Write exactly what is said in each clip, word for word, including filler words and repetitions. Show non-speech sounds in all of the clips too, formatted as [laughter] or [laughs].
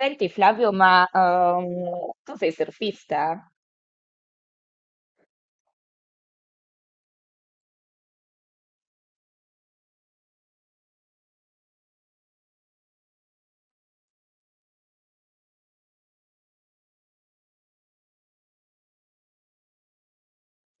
Senti Flavio, ma ehm, tu sei surfista,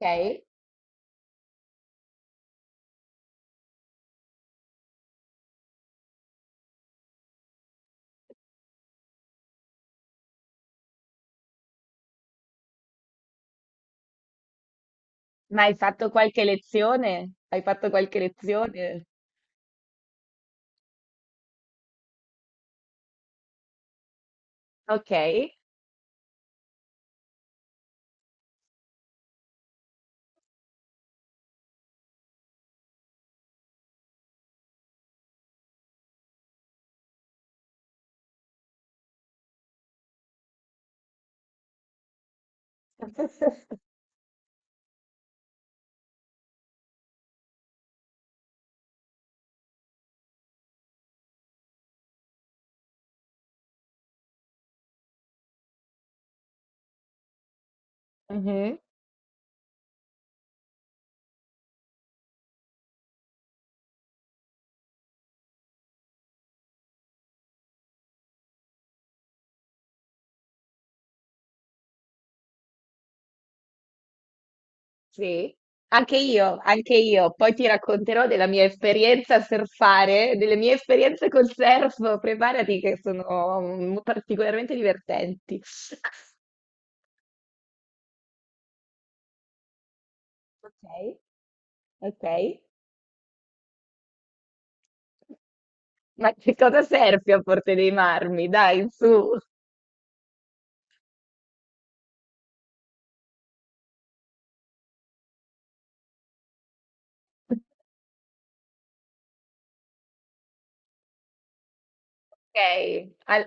ok? Ma hai fatto qualche lezione? Hai fatto qualche lezione? Ok, mhm, sì, anche io, anche io. Poi ti racconterò della mia esperienza a surfare, delle mie esperienze col surf. Preparati che sono mm, particolarmente divertenti. [laughs] Ok, ok. Ma che cosa surfi a Porte dei Marmi? Dai, su. Ok, al-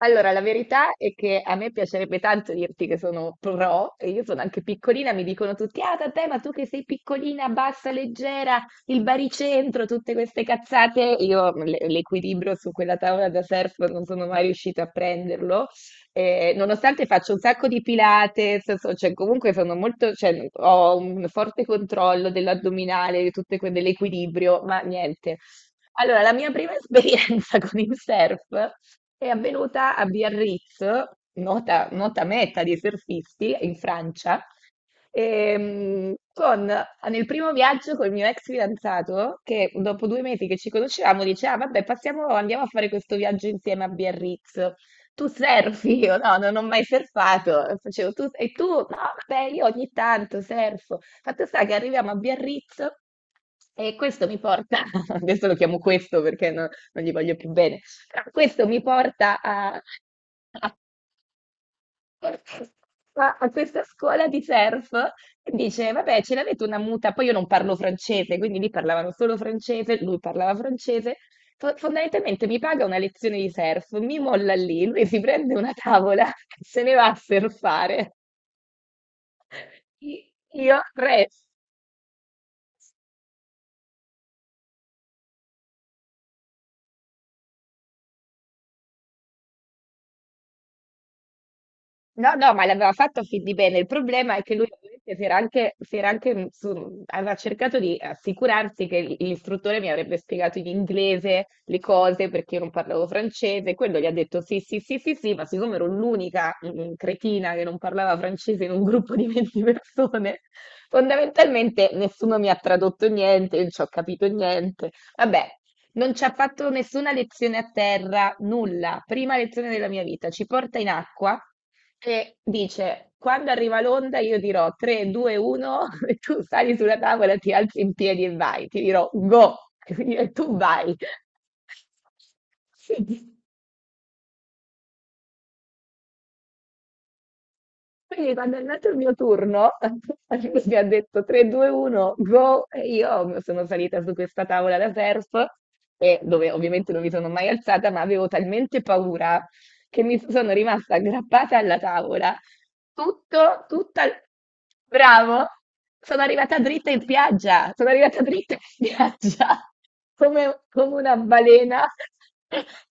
allora la verità è che a me piacerebbe tanto dirti che sono pro, e io sono anche piccolina. Mi dicono tutti: "Ah vabbè, ma tu che sei piccolina, bassa, leggera, il baricentro", tutte queste cazzate, io l- l'equilibrio su quella tavola da surf non sono mai riuscita a prenderlo. Eh, nonostante faccio un sacco di pilates, so- cioè, comunque sono molto, cioè, ho un forte controllo dell'addominale, di tutte que- dell'equilibrio, ma niente. Allora, la mia prima esperienza [laughs] con il surf è avvenuta a Biarritz, nota, nota meta di surfisti in Francia. Ehm, con, eh, nel primo viaggio col mio ex fidanzato, che dopo due mesi che ci conoscevamo, diceva: "Ah, vabbè, passiamo, andiamo a fare questo viaggio insieme a Biarritz. Tu surfi?" Io no, non ho mai surfato. Facevo: "Tu, e tu?" "No, vabbè, io ogni tanto surfo." Fatto sta che arriviamo a Biarritz e questo mi porta, [laughs] adesso lo chiamo questo perché no- non gli voglio più bene, però questo mi porta a, a a questa scuola di surf e dice: "Vabbè, ce l'avete una muta?" Poi io non parlo francese, quindi lì parlavano solo francese, lui parlava francese. Fo- Fondamentalmente mi paga una lezione di surf, mi molla lì, lui si prende una tavola [laughs] e se ne va a surfare. I- Io resto. No, no, ma l'aveva fatto fin di bene. Il problema è che lui ovviamente si era anche, si era anche, mm, su- aveva cercato di assicurarsi che l- l'istruttore mi avrebbe spiegato in inglese le cose perché io non parlavo francese. Quello gli ha detto sì, sì, sì, sì, sì, ma siccome ero l'unica mm, mm, cretina che non parlava francese in un gruppo di venti persone, fondamentalmente nessuno mi ha tradotto niente, io non ci ho capito niente. Vabbè. Non ci ha fatto nessuna lezione a terra, nulla. Prima lezione della mia vita. Ci porta in acqua e dice: "Quando arriva l'onda, io dirò tre, due, uno, [laughs] e tu sali sulla tavola, ti alzi in piedi e vai. Ti dirò go, [laughs] e tu vai." [laughs] Quindi quando è andato il mio turno, [laughs] mi ha detto tre, due, uno, go, e io sono salita su questa tavola da surf, e dove ovviamente non mi sono mai alzata, ma avevo talmente paura che mi sono rimasta aggrappata alla tavola, tutto, tutta... Bravo! Sono arrivata dritta in spiaggia, sono arrivata dritta in spiaggia, [laughs] come, come una balena. [laughs]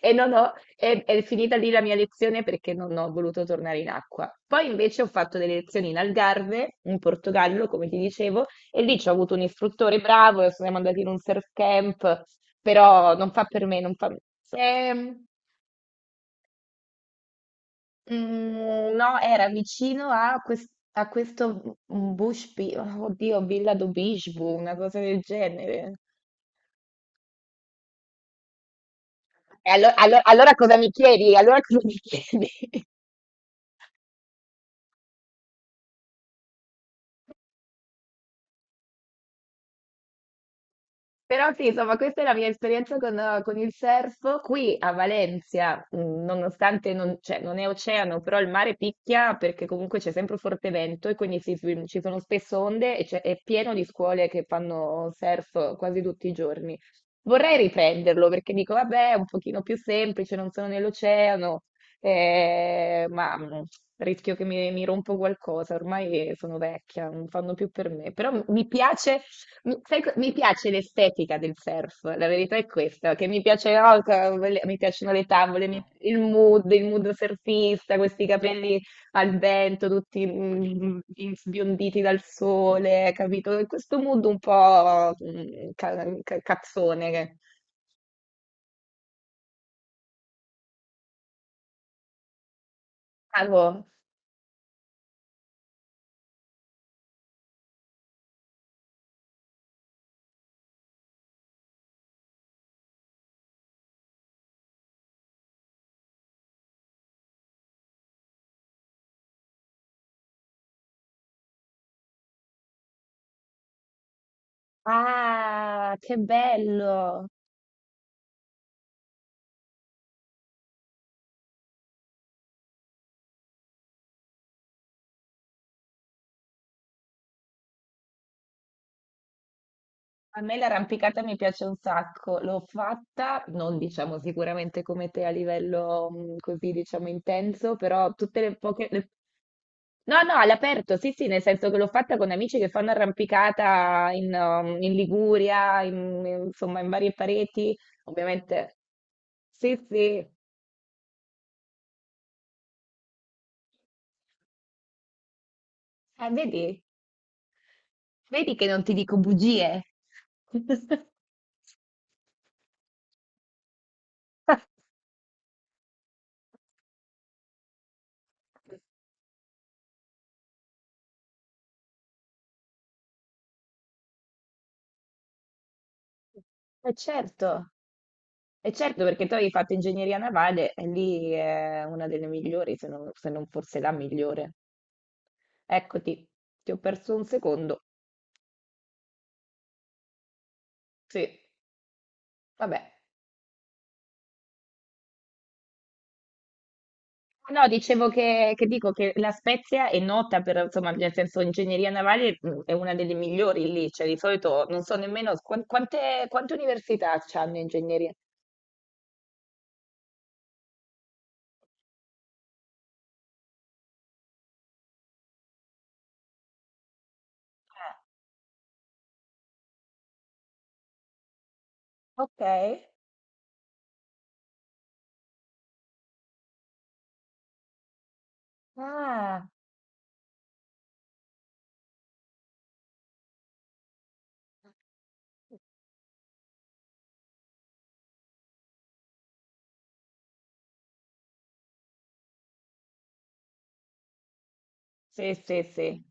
E non ho, è, è finita lì la mia lezione perché non ho voluto tornare in acqua. Poi invece ho fatto delle lezioni in Algarve, in Portogallo, come ti dicevo, e lì ci ho avuto un istruttore bravo, e siamo andati in un surf camp, però non fa per me, non fa... è- mm, no, era vicino a, quest- a questo Bush, Bi- oddio, Villa do Bisbu, una cosa del genere. E allo- allo- allora cosa mi chiedi? Allora cosa mi chiedi? Però sì, insomma, questa è la mia esperienza con, eh, con il surf. Qui a Valencia, mh, nonostante non, cioè, non è oceano, però il mare picchia perché comunque c'è sempre forte vento e quindi si- ci sono spesso onde e c'è- è pieno di scuole che fanno surf quasi tutti i giorni. Vorrei riprenderlo perché dico, vabbè, è un pochino più semplice, non sono nell'oceano, eh, ma mh, rischio che mi, mi rompo qualcosa, ormai sono vecchia, non fanno più per me. Però mi piace mi, sai co- mi piace l'estetica del surf, la verità è questa, che mi piace no, co- le- mi piacciono le tavole, mi- il mood, il mood surfista, questi capelli al vento, tutti mm, in- sbionditi dal sole, capito? Questo mood un po' mm, ca- ca- cazzone. che- Ah, boh. Ah, che bello! A me l'arrampicata mi piace un sacco, l'ho fatta, non diciamo sicuramente come te a livello mm, così diciamo intenso, però tutte le poche... le- No, no, all'aperto, sì, sì, nel senso che l'ho fatta con amici che fanno arrampicata in, um, in Liguria, in- in- insomma in varie pareti, ovviamente. Sì, sì, eh, vedi, vedi che non ti dico bugie. [laughs] Eh certo. E certo, perché tu avevi fatto ingegneria navale e lì è una delle migliori, se non, se non forse la migliore. Eccoti, ti ho perso un secondo. Sì, vabbè. No, dicevo che, che, dico che La Spezia è nota per, insomma, nel senso, ingegneria navale mm, è una delle migliori lì, cioè di solito non so nemmeno quan- quante, quante università hanno ingegneria. Ah, ok. Ah. Sì, sì, sì.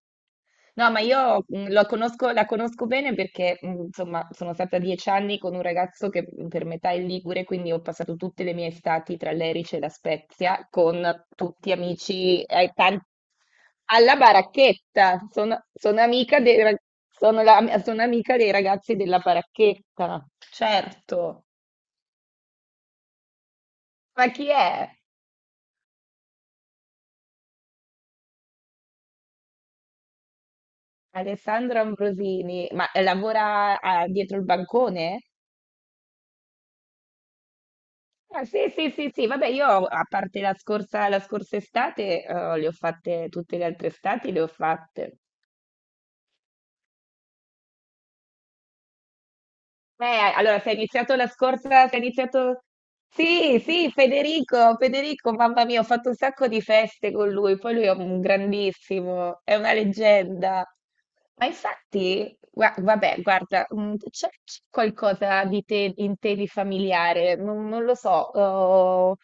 No, ma io mh, lo conosco- la conosco bene perché, mh, insomma, sono stata dieci anni con un ragazzo che mh, per metà è ligure, quindi ho passato tutte le mie estati tra l'Erice e la Spezia con tutti amici, eh, tan- alla baracchetta. Sono, sono amica dei, ra- sono la- sono amica dei ragazzi della baracchetta, certo. Ma chi è? Alessandro Ambrosini, ma eh, lavora ah, dietro il bancone? Ah, sì, sì, sì, sì, vabbè, io a parte la scorsa, la scorsa estate, eh, le ho fatte tutte le altre estati, le ho fatte. Eh, allora se hai iniziato la scorsa se hai iniziato sì, sì, Federico, Federico, mamma mia, ho fatto un sacco di feste con lui, poi lui è un grandissimo, è una leggenda. Ma infatti, gua- vabbè, guarda, mm, c'è c'è qualcosa di te, in te di familiare, non, non lo so, oh,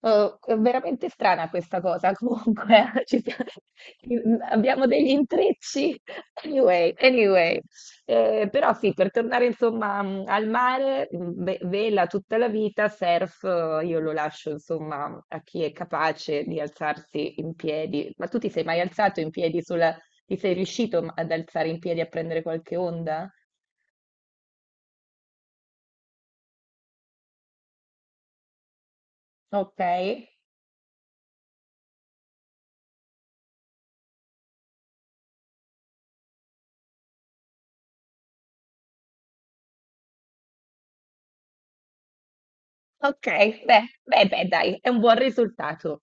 oh, è veramente strana questa cosa, [laughs] comunque ci siamo- [laughs] abbiamo degli intrecci. Anyway, anyway. Eh, però sì, per tornare insomma mh, al mare, mh, ve- vela tutta la vita, surf eh, io lo lascio insomma a chi è capace di alzarsi in piedi. Ma tu ti sei mai alzato in piedi sulla... Ti sei riuscito ma- ad alzare in piedi a prendere qualche onda? Ok, ok, beh, beh, beh, dai, è un buon risultato.